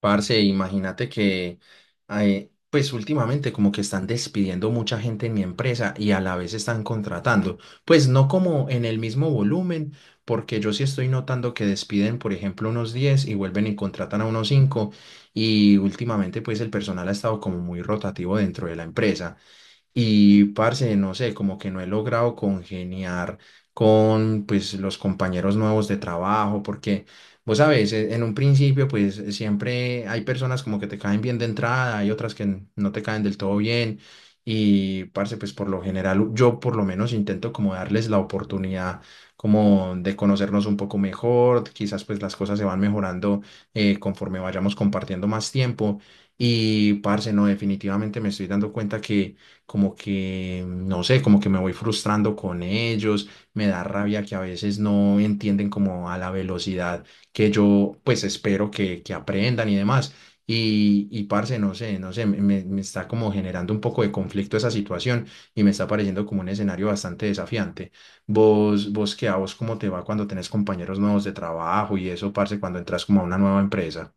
Parce, imagínate que, pues últimamente como que están despidiendo mucha gente en mi empresa y a la vez están contratando. Pues no como en el mismo volumen, porque yo sí estoy notando que despiden, por ejemplo, unos 10 y vuelven y contratan a unos cinco, y últimamente pues el personal ha estado como muy rotativo dentro de la empresa. Y, parce, no sé, como que no he logrado congeniar con, pues, los compañeros nuevos de trabajo, porque, vos sabes, en un principio, pues, siempre hay personas como que te caen bien de entrada, hay otras que no te caen del todo bien. Y, parce, pues, por lo general, yo por lo menos intento como darles la oportunidad como de conocernos un poco mejor, quizás pues las cosas se van mejorando conforme vayamos compartiendo más tiempo. Y, parce, no, definitivamente me estoy dando cuenta que como que, no sé, como que me voy frustrando con ellos, me da rabia que a veces no entienden como a la velocidad que yo pues espero que aprendan y demás. Y parce, no sé, no sé, me está como generando un poco de conflicto esa situación y me está pareciendo como un escenario bastante desafiante. A vos cómo te va cuando tenés compañeros nuevos de trabajo y eso, parce, cuando entras como a una nueva empresa.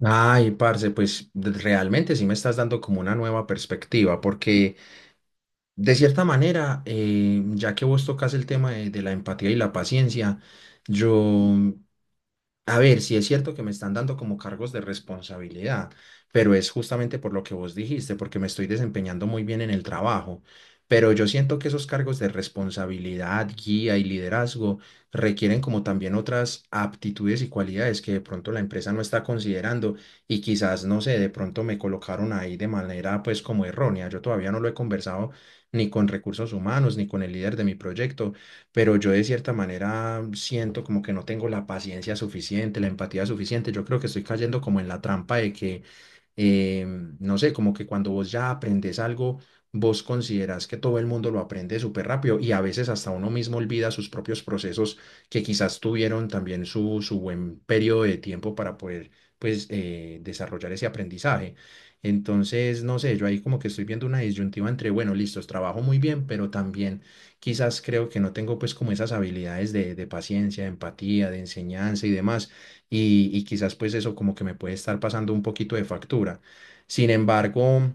Ay, parce, realmente sí me estás dando como una nueva perspectiva, porque de cierta manera, ya que vos tocas el tema de la empatía y la paciencia, yo, a ver, sí es cierto que me están dando como cargos de responsabilidad, pero es justamente por lo que vos dijiste, porque me estoy desempeñando muy bien en el trabajo. Pero yo siento que esos cargos de responsabilidad, guía y liderazgo requieren como también otras aptitudes y cualidades que de pronto la empresa no está considerando y quizás, no sé, de pronto me colocaron ahí de manera pues como errónea. Yo todavía no lo he conversado ni con recursos humanos ni con el líder de mi proyecto, pero yo de cierta manera siento como que no tengo la paciencia suficiente, la empatía suficiente. Yo creo que estoy cayendo como en la trampa de que eh, no sé, como que cuando vos ya aprendes algo, vos considerás que todo el mundo lo aprende súper rápido y a veces hasta uno mismo olvida sus propios procesos que quizás tuvieron también su buen periodo de tiempo para poder pues desarrollar ese aprendizaje. Entonces, no sé, yo ahí como que estoy viendo una disyuntiva entre, bueno, listos, trabajo muy bien, pero también quizás creo que no tengo pues como esas habilidades de paciencia, de empatía, de enseñanza y demás, y quizás pues eso como que me puede estar pasando un poquito de factura. Sin embargo,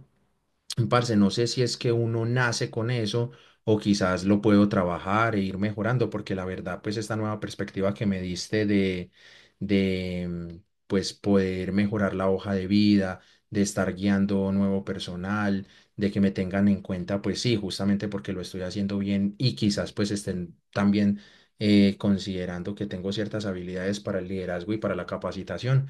parce, no sé si es que uno nace con eso o quizás lo puedo trabajar e ir mejorando, porque la verdad, pues esta nueva perspectiva que me diste de, mm, pues poder mejorar la hoja de vida, de estar guiando nuevo personal, de que me tengan en cuenta, pues sí, justamente porque lo estoy haciendo bien y quizás pues estén también considerando que tengo ciertas habilidades para el liderazgo y para la capacitación,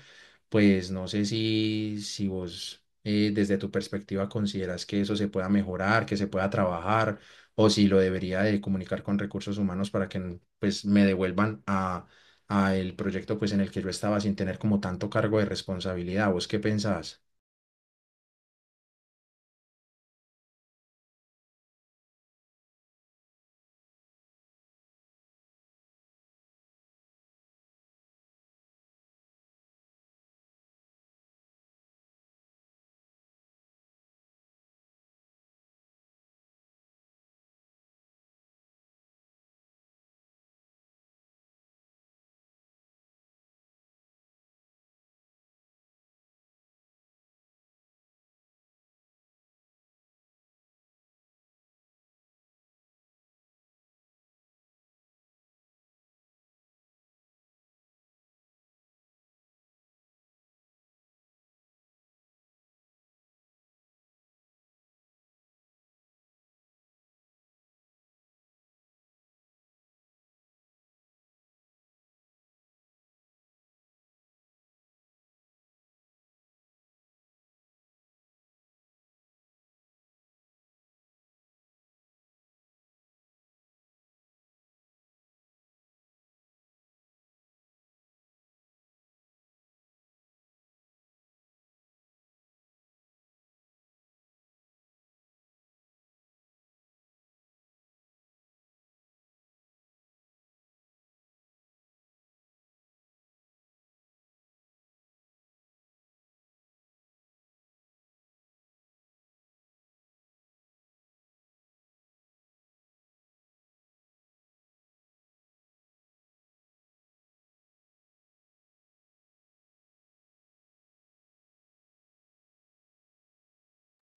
pues no sé si vos desde tu perspectiva consideras que eso se pueda mejorar, que se pueda trabajar, o si lo debería de comunicar con recursos humanos para que pues me devuelvan a el proyecto pues en el que yo estaba sin tener como tanto cargo de responsabilidad. ¿Vos qué pensás?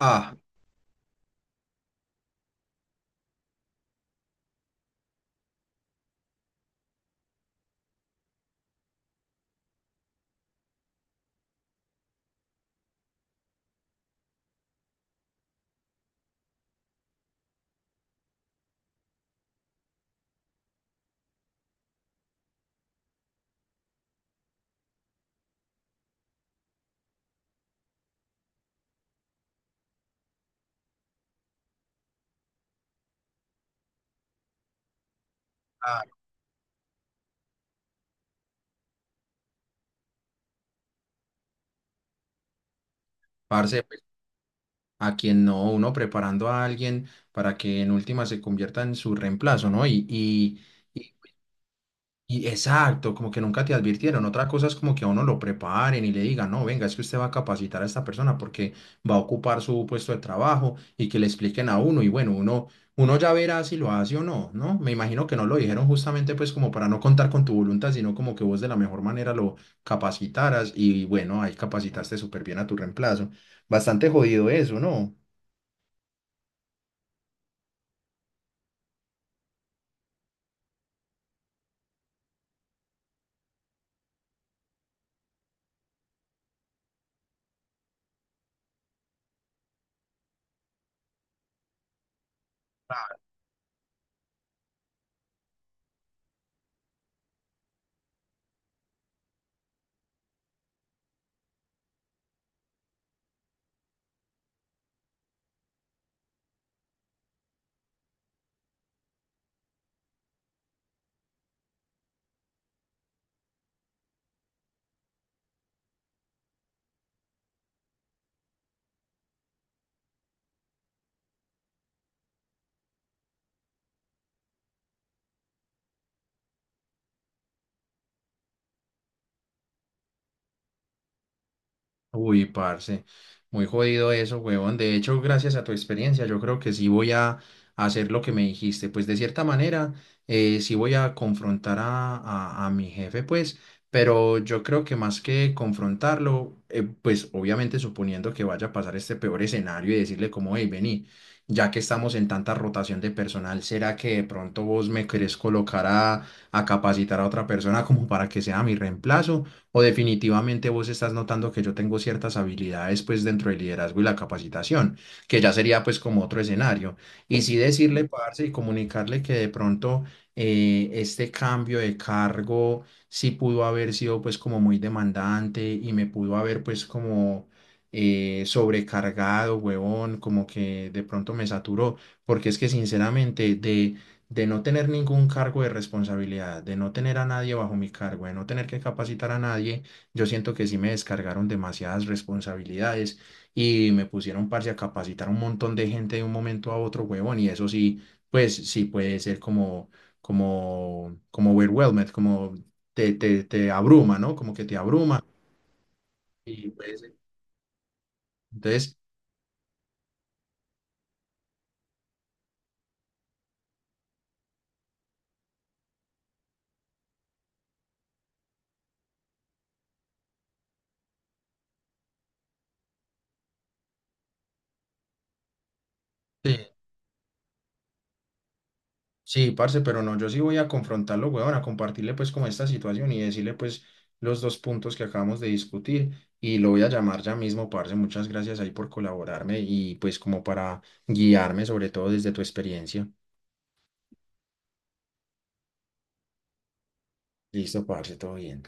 Ah, ah, Parce, pues, a quien no, uno preparando a alguien para que en última se convierta en su reemplazo, ¿no? Y, Y exacto, como que nunca te advirtieron. Otra cosa es como que a uno lo preparen y le digan, no, venga, es que usted va a capacitar a esta persona porque va a ocupar su puesto de trabajo y que le expliquen a uno. Y bueno, uno ya verá si lo hace o no, ¿no? Me imagino que no lo dijeron justamente pues como para no contar con tu voluntad, sino como que vos de la mejor manera lo capacitaras y bueno, ahí capacitaste súper bien a tu reemplazo. Bastante jodido eso, ¿no? Uy, parce, muy jodido eso, huevón. De hecho, gracias a tu experiencia, yo creo que sí voy a hacer lo que me dijiste. Pues de cierta manera, sí voy a confrontar a mi jefe, pues, pero yo creo que más que confrontarlo, pues obviamente suponiendo que vaya a pasar este peor escenario y decirle como, hey, vení, ya que estamos en tanta rotación de personal, ¿será que de pronto vos me querés colocar a capacitar a otra persona como para que sea mi reemplazo? ¿O definitivamente vos estás notando que yo tengo ciertas habilidades pues dentro del liderazgo y la capacitación, que ya sería pues como otro escenario? Y sí decirle, parce, y comunicarle que de pronto este cambio de cargo sí pudo haber sido pues como muy demandante y me pudo haber pues como... sobrecargado, huevón, como que de pronto me saturó, porque es que sinceramente de no tener ningún cargo de responsabilidad, de no tener a nadie bajo mi cargo, de no tener que capacitar a nadie, yo siento que sí me descargaron demasiadas responsabilidades y me pusieron parce a capacitar a un montón de gente de un momento a otro, huevón, y eso sí, pues sí puede ser como, como, como overwhelmed, como te abruma, ¿no? Como que te abruma y pues, entonces... Sí, sí, parce, pero no, yo sí voy a confrontarlo, weón, a compartirle pues como esta situación y decirle pues los dos puntos que acabamos de discutir, y lo voy a llamar ya mismo, parce, muchas gracias ahí por colaborarme y pues como para guiarme sobre todo desde tu experiencia. Listo, parce, todo bien.